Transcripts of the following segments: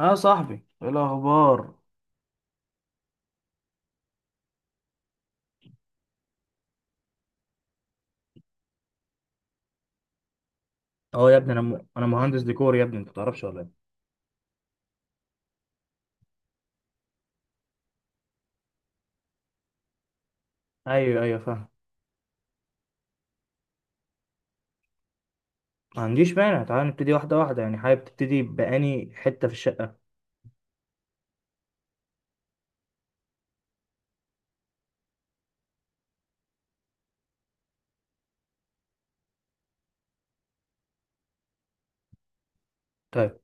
اه صاحبي، ايه الاخبار؟ اه يا ابني، انا مهندس ديكور يا ابني، انت تعرفش ولا ايه؟ ايوه ايوه، فاهم. ما عنديش مانع، تعال نبتدي واحده واحده. يعني حابب تبتدي بأني حته في الشقه؟ طيب.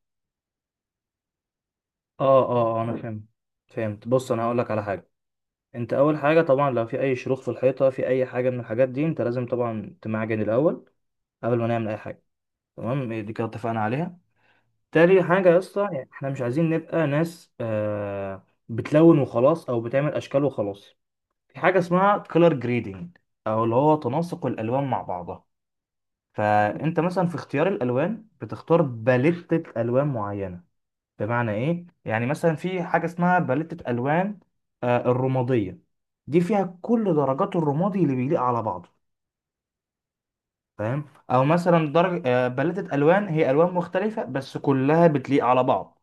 اه اه، انا فهمت. فهمت. بص انا هقول لك على حاجه. انت اول حاجه طبعا لو في اي شروخ في الحيطه، في اي حاجه من الحاجات دي، انت لازم طبعا تمعجن الاول قبل ما نعمل اي حاجه. تمام؟ إيه دي كده اتفقنا عليها. تاني حاجه يا اسطى، يعني احنا مش عايزين نبقى ناس بتلون وخلاص، او بتعمل اشكال وخلاص. في حاجة اسمها كولر جريدنج، أو اللي هو تناسق الألوان مع بعضها. فأنت مثلا في اختيار الألوان بتختار باليتة ألوان معينة. بمعنى إيه؟ يعني مثلا في حاجة اسمها باليتة ألوان، الرمادية، دي فيها كل درجات الرمادي اللي بيليق على بعضه. فاهم؟ أو مثلا درجة، باليتة ألوان هي ألوان مختلفة بس كلها بتليق على بعض.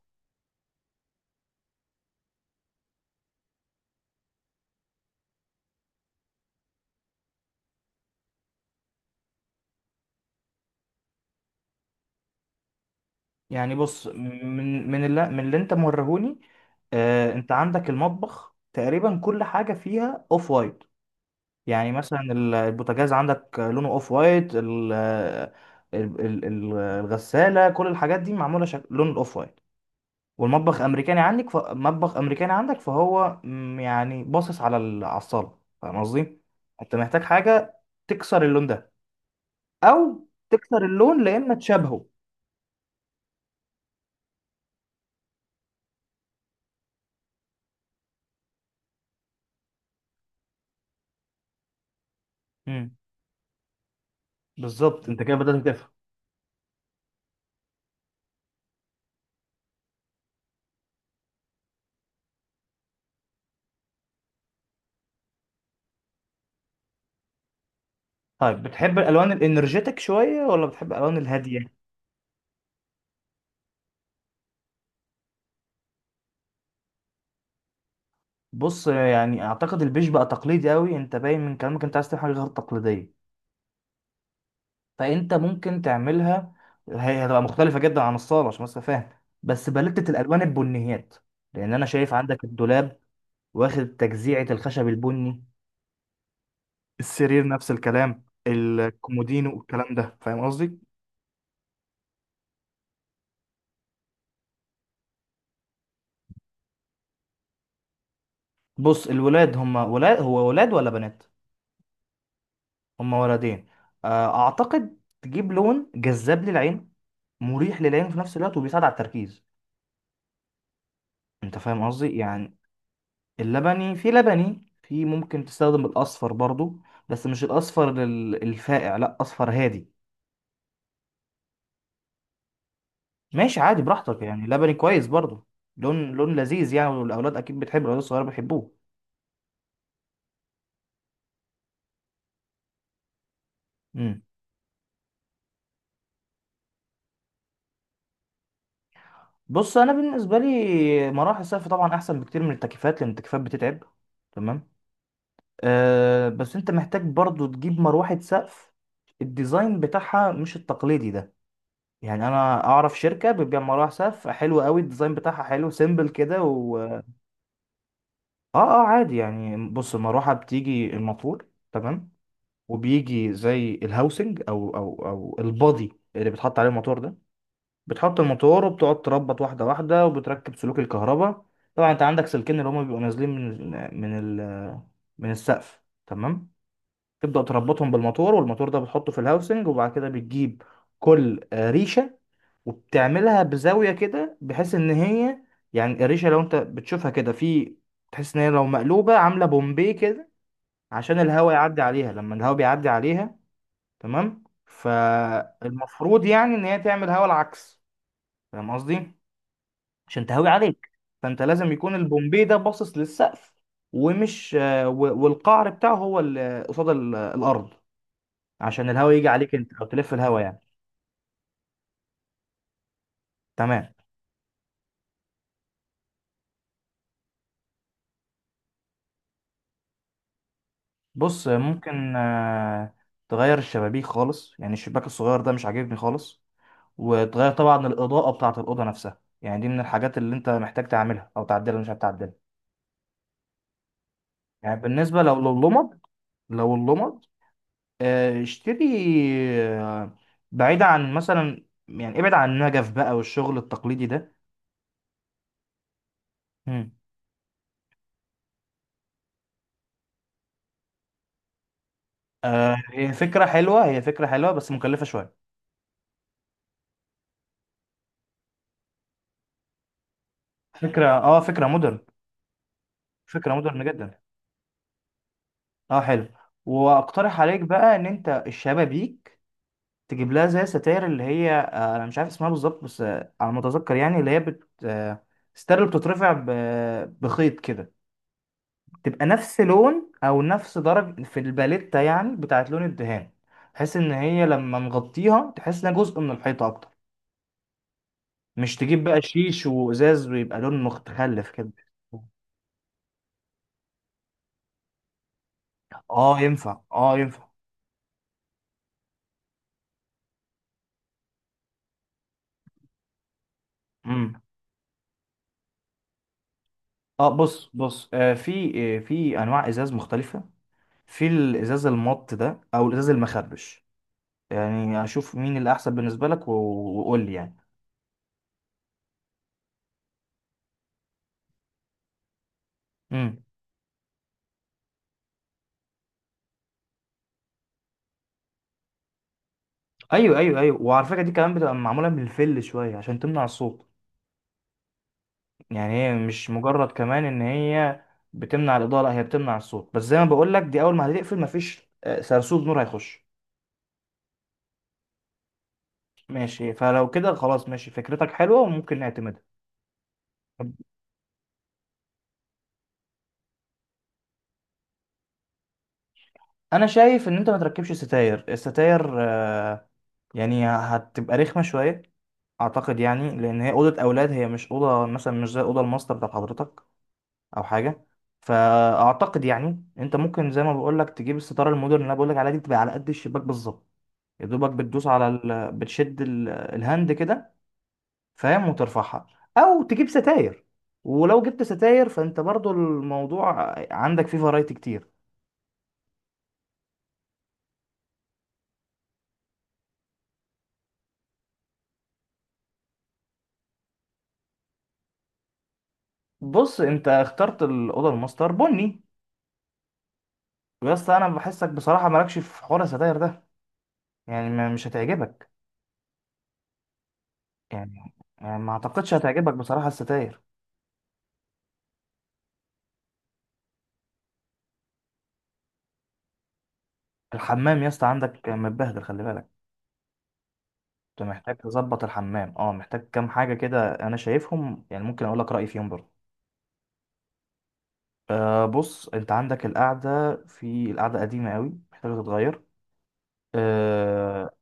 يعني بص، من اللي أنت موريهوني. أنت عندك المطبخ تقريبا كل حاجة فيها أوف وايت. يعني مثلا البوتاجاز عندك لونه اوف وايت، الغسالة، كل الحاجات دي معمولة لون الاوف وايت. والمطبخ امريكاني عندك، فهو، يعني باصص على الصالة. فاهم قصدي؟ انت محتاج حاجة تكسر اللون ده، او تكسر اللون لان تشابهه. مم. بالظبط، انت كده بدأت تفهم. طيب، بتحب الالوان الانرجيتك شوية ولا بتحب الالوان الهادية؟ بص يعني اعتقد البيج بقى تقليدي قوي، انت باين من كلامك انت عايز تعمل حاجه غير تقليديه. فانت ممكن تعملها. هي هتبقى مختلفه جدا عن الصاله، عشان بس فاهم، بس بلتة الالوان البنيات. لان انا شايف عندك الدولاب واخد تجزيعه الخشب البني، السرير نفس الكلام، الكومودينو والكلام ده. فاهم قصدي؟ بص الولاد هم ولاد، هو ولاد ولا بنات؟ هم ولدين. اعتقد تجيب لون جذاب للعين، مريح للعين في نفس الوقت وبيساعد على التركيز. انت فاهم قصدي يعني؟ اللبني في، لبني في، ممكن تستخدم الاصفر برضو. بس مش الاصفر الفاقع، لا اصفر هادي. ماشي عادي براحتك، يعني لبني كويس برضو. لون لون لذيذ يعني، والاولاد اكيد بتحبه، الاولاد الصغيره بيحبوه. امم. بص انا بالنسبه لي مراحل الصيف طبعا احسن بكتير من التكييفات، لان التكييفات بتتعب. تمام. أه بس انت محتاج برضو تجيب مروحه سقف. الديزاين بتاعها مش التقليدي ده. يعني انا اعرف شركه بتبيع مروحه سقف حلوه قوي، الديزاين بتاعها حلو سيمبل كده. اه اه، عادي يعني. بص المروحة بتيجي الموتور، تمام. وبيجي زي الهاوسنج او البادي اللي بتحط عليه الموتور ده. بتحط الموتور وبتقعد تربط واحدة واحدة، وبتركب سلوك الكهرباء. طبعا انت عندك سلكين اللي هما بيبقوا نازلين من ال من ال من السقف. تمام. تبدأ تربطهم بالموتور، والموتور ده بتحطه في الهاوسنج، وبعد كده بتجيب كل ريشة، وبتعملها بزاوية كده، بحيث ان هي، يعني القريشة لو انت بتشوفها كده في، تحس ان هي لو مقلوبة عاملة بومبي كده، عشان الهواء يعدي عليها. لما الهواء بيعدي عليها، تمام، فالمفروض يعني ان هي تعمل هواء العكس. فاهم قصدي؟ عشان تهوي عليك. فانت لازم يكون البومبي ده باصص للسقف، ومش، والقعر بتاعه هو اللي قصاد الارض، عشان الهواء يجي عليك انت، او تلف الهواء يعني. تمام. بص ممكن تغير الشبابيك خالص. يعني الشباك الصغير ده مش عاجبني خالص، وتغير طبعا الإضاءة بتاعة الأوضة نفسها. يعني دي من الحاجات اللي أنت محتاج تعملها أو تعدلها، مش هتعدلها. يعني بالنسبة لو لللمض، لو اللمض، اشتري، آه، بعيد عن مثلا، يعني ابعد عن النجف بقى والشغل التقليدي ده. مم. هي فكرة حلوة، هي فكرة حلوة بس مكلفة شوية. فكرة مودرن. فكرة مودرن جدا. اه حلو. واقترح عليك بقى ان انت الشبابيك تجيب لها زي ستاير، اللي هي، انا مش عارف اسمها بالظبط، بس على ما اتذكر، يعني اللي هي بت آه، ستاير اللي بتترفع بخيط كده. تبقى نفس لون او نفس درجة في الباليتة، يعني بتاعت لون الدهان، بحيث ان هي لما نغطيها تحس انها جزء من الحيطة اكتر. مش تجيب بقى شيش وازاز ويبقى لون مختلف كده. اه ينفع، اه ينفع. امم. اه، بص بص، في انواع ازاز مختلفه. في الازاز المط ده، او الازاز المخربش. يعني اشوف مين اللي احسن بالنسبه لك، وقول لي يعني. امم. ايوه ايوه ايوه، وعلى فكره دي كمان بتبقى معموله بالفل شويه عشان تمنع الصوت. يعني هي مش مجرد كمان ان هي بتمنع الاضاءه، لا، هي بتمنع الصوت بس. زي ما بقول لك، دي اول ما هتقفل مفيش سرسوط نور هيخش. ماشي. فلو كده خلاص ماشي، فكرتك حلوه وممكن نعتمدها. طب انا شايف ان انت ما تركبش ستاير. الستاير، يعني هتبقى رخمه شويه، اعتقد يعني، لان هي اوضه اولاد، هي مش اوضه مثلا، مش زي اوضه الماستر بتاعت حضرتك او حاجه. فاعتقد يعني انت ممكن زي ما بقول لك تجيب الستاره المودرن اللي انا بقول لك عليها دي، بتبقى على قد الشباك بالظبط، يا دوبك بتدوس على بتشد الهاند كده. فاهم؟ وترفعها، او تجيب ستاير. ولو جبت ستاير فانت برضو الموضوع عندك فيه فرايتي كتير. بص انت اخترت الاوضه الماستر بني، بس انا بحسك بصراحه مالكش في حوار الستاير ده. يعني مش هتعجبك يعني. يعني ما اعتقدش هتعجبك بصراحه الستاير. الحمام يا اسطى عندك متبهدل، خلي بالك. كنت محتاج تظبط الحمام، محتاج كام حاجة كده أنا شايفهم، يعني ممكن أقول لك رأيي فيهم برضه. أه بص، أنت عندك القعدة، في القعدة قديمة قوي محتاجة تتغير. أه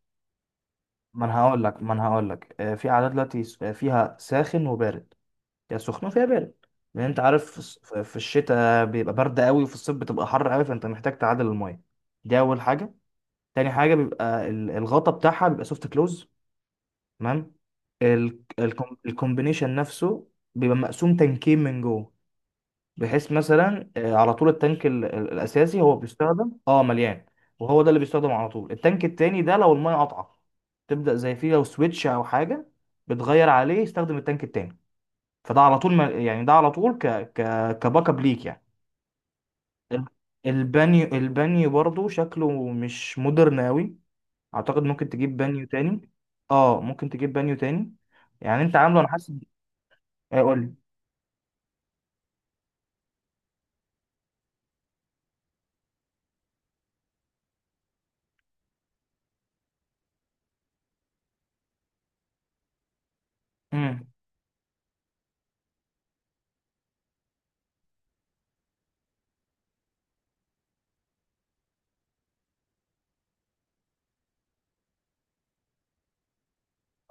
ما أنا هقول لك. أه في قعدة دلوقتي، فيها ساخن وبارد، يا سخنة فيها بارد. لأن أنت عارف في الشتاء بيبقى برد قوي، وفي الصيف بتبقى حر قوي، فأنت محتاج تعادل المية. دي أول حاجة. تاني حاجة بيبقى الغطا بتاعها بيبقى سوفت كلوز. تمام. الكومبينيشن نفسه بيبقى مقسوم تنكين من جوه، بحيث مثلا على طول التانك الاساسي هو بيستخدم، مليان، وهو ده اللي بيستخدم على طول. التانك التاني ده لو الميه قطعه، تبدا زي فيه لو سويتش او حاجه بتغير عليه، يستخدم التانك التاني. فده على طول، ما يعني ده على طول ك ك كباك اب ليك يعني. ال- البانيو برضو شكله مش مودرن قوي، اعتقد ممكن تجيب بانيو تاني. اه ممكن تجيب بانيو تاني. يعني انت عامله، انا حاسس. اقول لي. امم.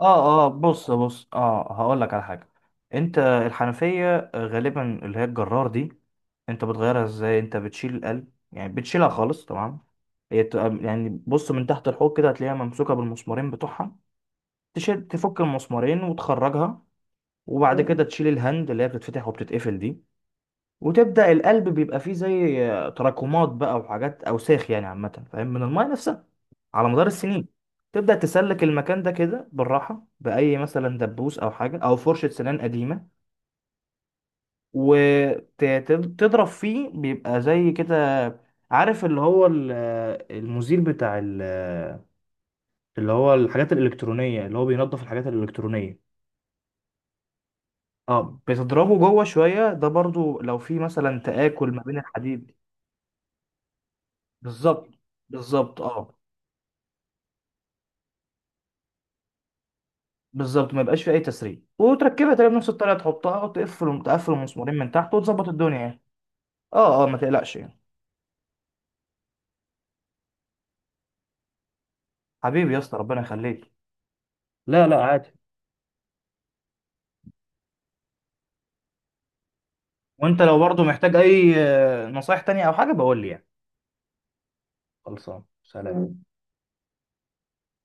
اه اه، بص بص، اه هقول لك على حاجه. انت الحنفيه غالبا اللي هي الجرار دي، انت بتغيرها ازاي؟ انت بتشيل القلب، يعني بتشيلها خالص. تمام. هي بتبقى يعني، بص من تحت الحوض كده هتلاقيها ممسوكه بالمسمارين بتوعها. تشيل، تفك المسمارين وتخرجها، وبعد كده تشيل الهند اللي هي بتتفتح وبتتقفل دي، وتبدا القلب بيبقى فيه زي تراكمات بقى، وحاجات اوساخ يعني عامه. فاهم؟ من المايه نفسها على مدار السنين. تبدأ تسلك المكان ده كده بالراحة، بأي مثلا دبوس أو حاجة أو فرشة سنان قديمة، وتضرب فيه بيبقى زي كده. عارف اللي هو المزيل بتاع اللي هو الحاجات الإلكترونية، اللي هو بينظف الحاجات الإلكترونية. اه، بتضربه جوه شوية، ده برضو لو في مثلا تآكل ما بين الحديد. بالظبط. بالظبط اه. بالظبط ما يبقاش في أي تسريب، وتركبها تاني بنفس الطريقة، تحطها وتقفل، تقفل المسمارين من تحت، وتظبط الدنيا يعني. اه اه، ما تقلقش يعني. حبيبي يا اسطى، ربنا يخليك. لا لا، عادي. وانت لو برضه محتاج اي نصايح تانية او حاجه، بقول لي يعني. خلصان، سلام.